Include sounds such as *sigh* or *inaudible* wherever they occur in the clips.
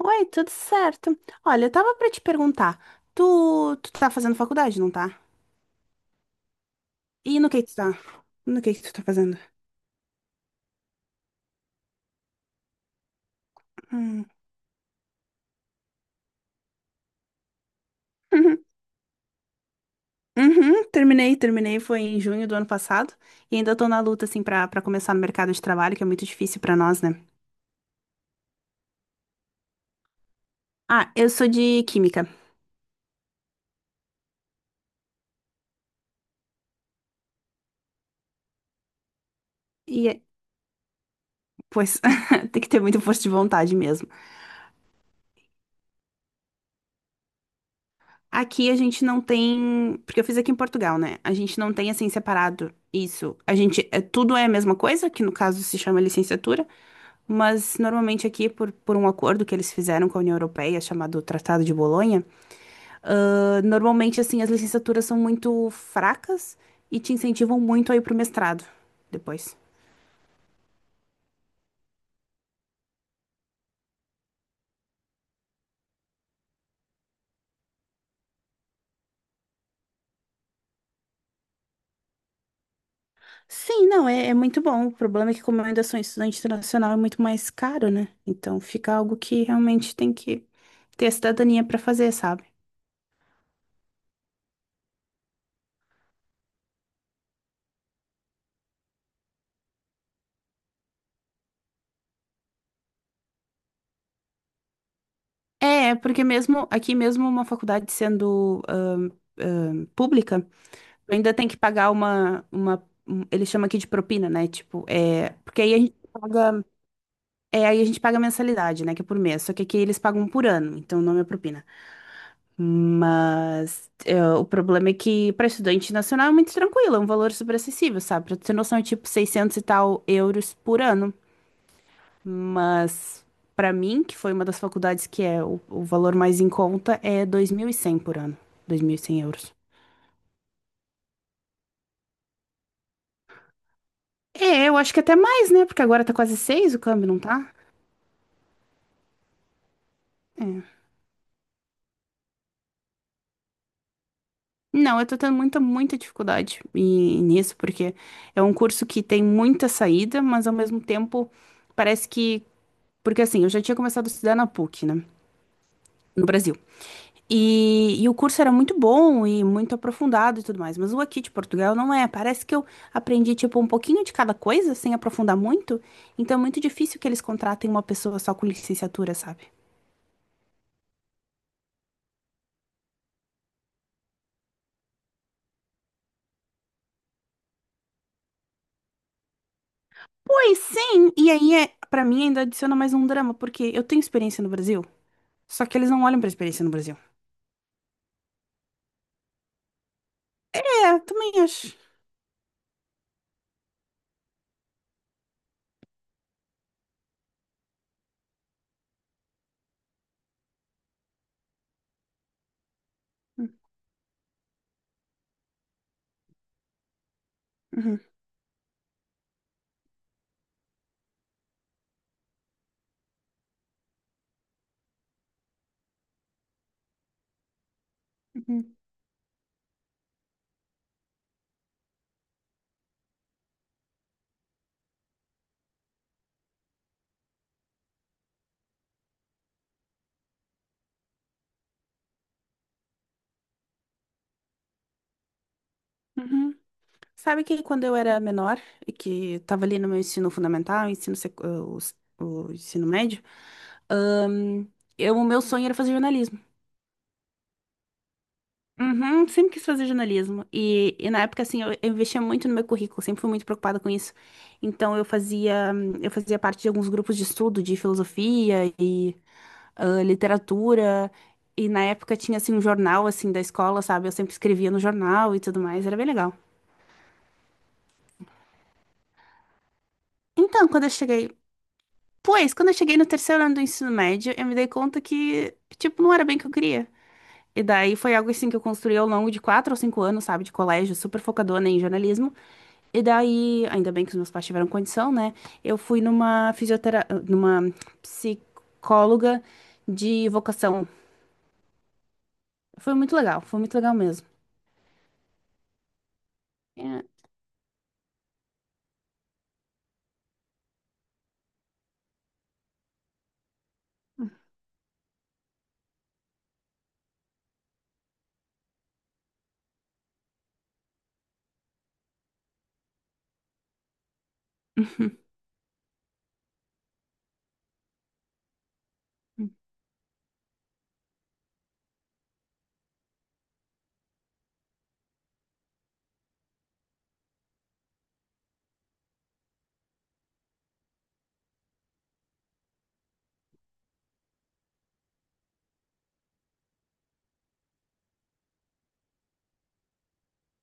Oi, tudo certo? Olha, eu tava pra te perguntar, tu tá fazendo faculdade, não tá? E no que tu tá? No que tu tá fazendo? Hum. Uhum, uhum, terminei, foi em junho do ano passado, e ainda tô na luta, assim, pra começar no mercado de trabalho, que é muito difícil pra nós, né? Ah, eu sou de química, e, é- pois, *laughs* tem que ter muita força de vontade mesmo. Aqui a gente não tem, porque eu fiz aqui em Portugal, né? A gente não tem assim separado isso. A gente é tudo é a mesma coisa, que no caso se chama licenciatura, mas normalmente aqui por um acordo que eles fizeram com a União Europeia, chamado Tratado de Bolonha, normalmente assim as licenciaturas são muito fracas e te incentivam muito a ir pro mestrado depois. Sim, não, é muito bom. O problema é que, como eu ainda sou estudante internacional, é muito mais caro, né? Então fica algo que realmente tem que ter a cidadania para fazer, sabe? É, é porque mesmo aqui, mesmo uma faculdade sendo pública, tu ainda tem que pagar eles chamam aqui de propina, né? Tipo, é. Porque aí a gente paga. É, aí a gente paga mensalidade, né? Que é por mês. Só que aqui eles pagam por ano, então o nome é propina. Mas é, o problema é que para estudante nacional é muito tranquilo, é um valor super acessível, sabe? Pra tu ter noção, é tipo 600 e tal euros por ano. Mas para mim, que foi uma das faculdades que é o valor mais em conta, é 2100 por ano. 2100 euros. É, eu acho que até mais, né? Porque agora tá quase 6 o câmbio, não tá? É. Não, eu tô tendo muita nisso, porque é um curso que tem muita saída, mas ao mesmo tempo parece que. Porque assim, eu já tinha começado a estudar na PUC, né? No Brasil. E, o curso era muito bom e muito aprofundado e tudo mais. Mas o aqui de Portugal não é. Parece que eu aprendi, tipo, um pouquinho de cada coisa, sem aprofundar muito. Então é muito difícil que eles contratem uma pessoa só com licenciatura, sabe? Pois sim! E aí, é, para mim, ainda adiciona mais um drama, porque eu tenho experiência no Brasil, só que eles não olham pra experiência no Brasil. É, também acho. Uhum, uhum, uhum. Uhum. Sabe que quando eu era menor e que estava ali no meu ensino fundamental, o ensino médio, ahn, eu, o meu sonho era fazer jornalismo. Uhum, sempre quis fazer jornalismo. E na época, assim, eu investia muito no meu currículo, sempre fui muito preocupada com isso. Então, eu fazia parte de alguns grupos de estudo de filosofia e literatura. E na época tinha, assim, um jornal, assim, da escola, sabe? Eu sempre escrevia no jornal e tudo mais, era bem legal. Então, quando eu cheguei Pois, quando eu cheguei no terceiro ano do ensino médio, eu me dei conta que, tipo, não era bem o que eu queria. E daí foi algo assim que eu construí ao longo de quatro ou cinco anos, sabe, de colégio, super focadona em jornalismo. E daí, ainda bem que os meus pais tiveram condição, né? Eu fui numa fisiotera... Numa psicóloga de vocação. Foi muito legal mesmo. É. *laughs*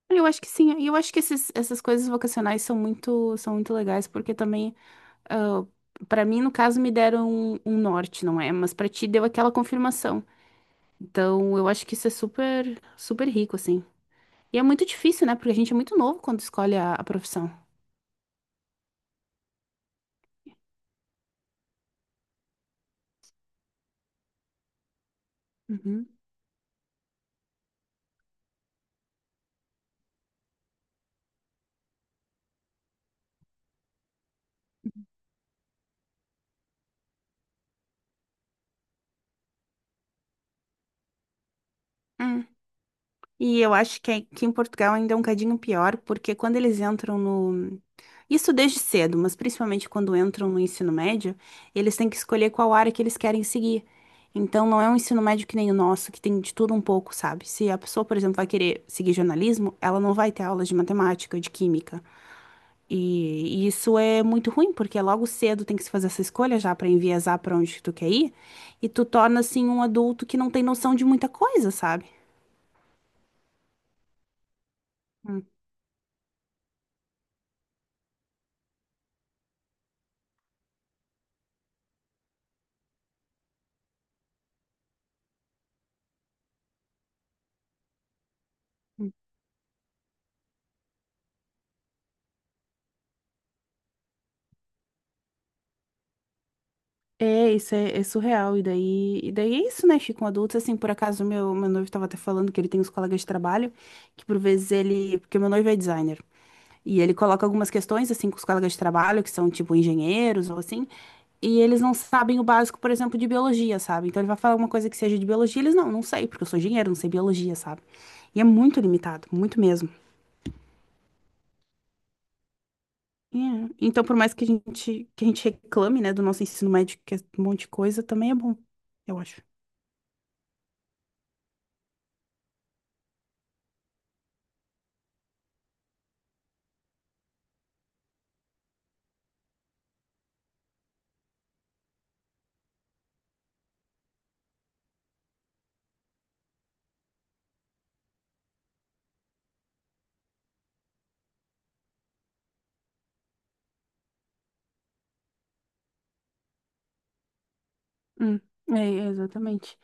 Eu acho que sim, e eu acho que essas coisas vocacionais são são muito legais, porque também para mim, no caso, me deram um norte, não é? Mas para ti deu aquela confirmação. Então, eu acho que isso é super, super rico, assim. E é muito difícil, né? Porque a gente é muito novo quando escolhe a profissão. Uhum. Hum. E eu acho que aqui em Portugal ainda é um cadinho pior, porque quando eles entram no. Isso desde cedo, mas principalmente quando entram no ensino médio, eles têm que escolher qual área que eles querem seguir. Então, não é um ensino médio que nem o nosso, que tem de tudo um pouco, sabe? Se a pessoa, por exemplo, vai querer seguir jornalismo, ela não vai ter aulas de matemática, de química. E isso é muito ruim, porque logo cedo tem que se fazer essa escolha já para enviesar para onde tu quer ir, e tu torna assim um adulto que não tem noção de muita coisa, sabe? É, isso é, é surreal. E daí é isso, né? Ficam adultos, assim, por acaso meu noivo tava até falando que ele tem uns colegas de trabalho, que por vezes ele. Porque meu noivo é designer. E ele coloca algumas questões, assim, com os colegas de trabalho, que são tipo engenheiros ou assim, e eles não sabem o básico, por exemplo, de biologia, sabe? Então ele vai falar alguma coisa que seja de biologia, eles não sei, porque eu sou engenheiro, não sei biologia, sabe? E é muito limitado, muito mesmo. É. Então, por mais que a gente reclame, né, do nosso ensino médio, que é um monte de coisa, também é bom, eu acho. Hum, é, exatamente.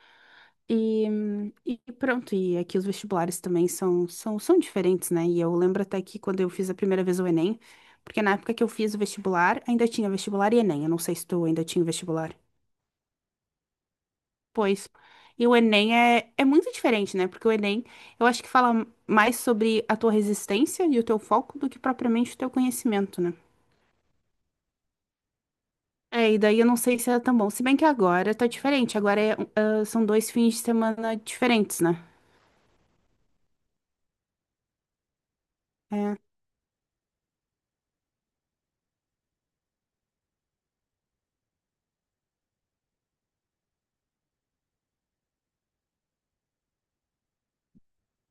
E pronto, e aqui os vestibulares também são diferentes, né? E eu lembro até que quando eu fiz a primeira vez o Enem, porque na época que eu fiz o vestibular, ainda tinha vestibular e Enem. Eu não sei se tu ainda tinha o vestibular. Pois. E o Enem é muito diferente, né? Porque o Enem, eu acho que fala mais sobre a tua resistência e o teu foco do que propriamente o teu conhecimento, né? É, e daí eu não sei se era tão bom. Se bem que agora tá diferente. Agora é, são dois fins de semana diferentes, né?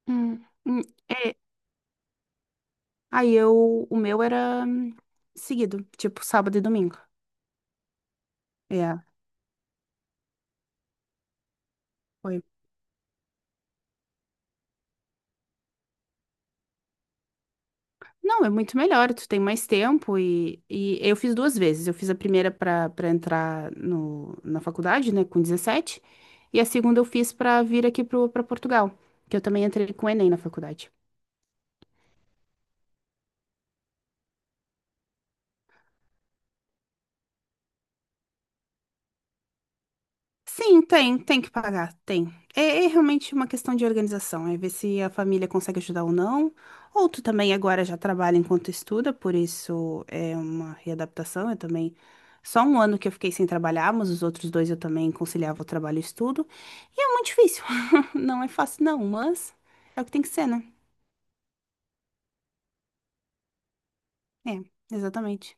Hum, hum, é. Aí eu, o meu era seguido, tipo sábado e domingo. É, foi. Não, é muito melhor, tu tem mais tempo e eu fiz duas vezes. Eu fiz a primeira para entrar no, na faculdade, né, com 17. E a segunda eu fiz para vir aqui para Portugal, que eu também entrei com o Enem na faculdade. Sim, tem, tem que pagar, tem. É, é realmente uma questão de organização, é ver se a família consegue ajudar ou não. Ou tu também agora já trabalha enquanto estuda, por isso é uma readaptação. Eu também, só um ano que eu fiquei sem trabalhar, mas os outros dois eu também conciliava o trabalho e o estudo. E é muito difícil, *laughs* não é fácil não, mas é o que tem que ser, né? É, exatamente.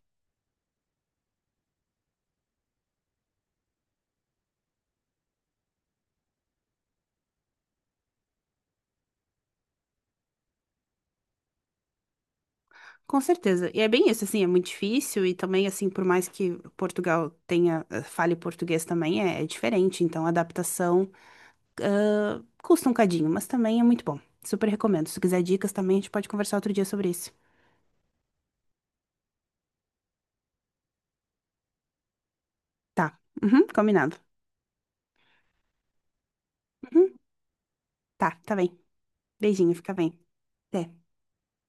Com certeza. E é bem isso, assim, é muito difícil e também, assim, por mais que Portugal tenha, fale português também, é diferente. Então, a adaptação. Ah, custa um cadinho, mas também é muito bom. Super recomendo. Se tu quiser dicas também, a gente pode conversar outro dia sobre isso. Tá. Uhum, combinado. Uhum, tá, tá bem. Beijinho, fica bem. Até.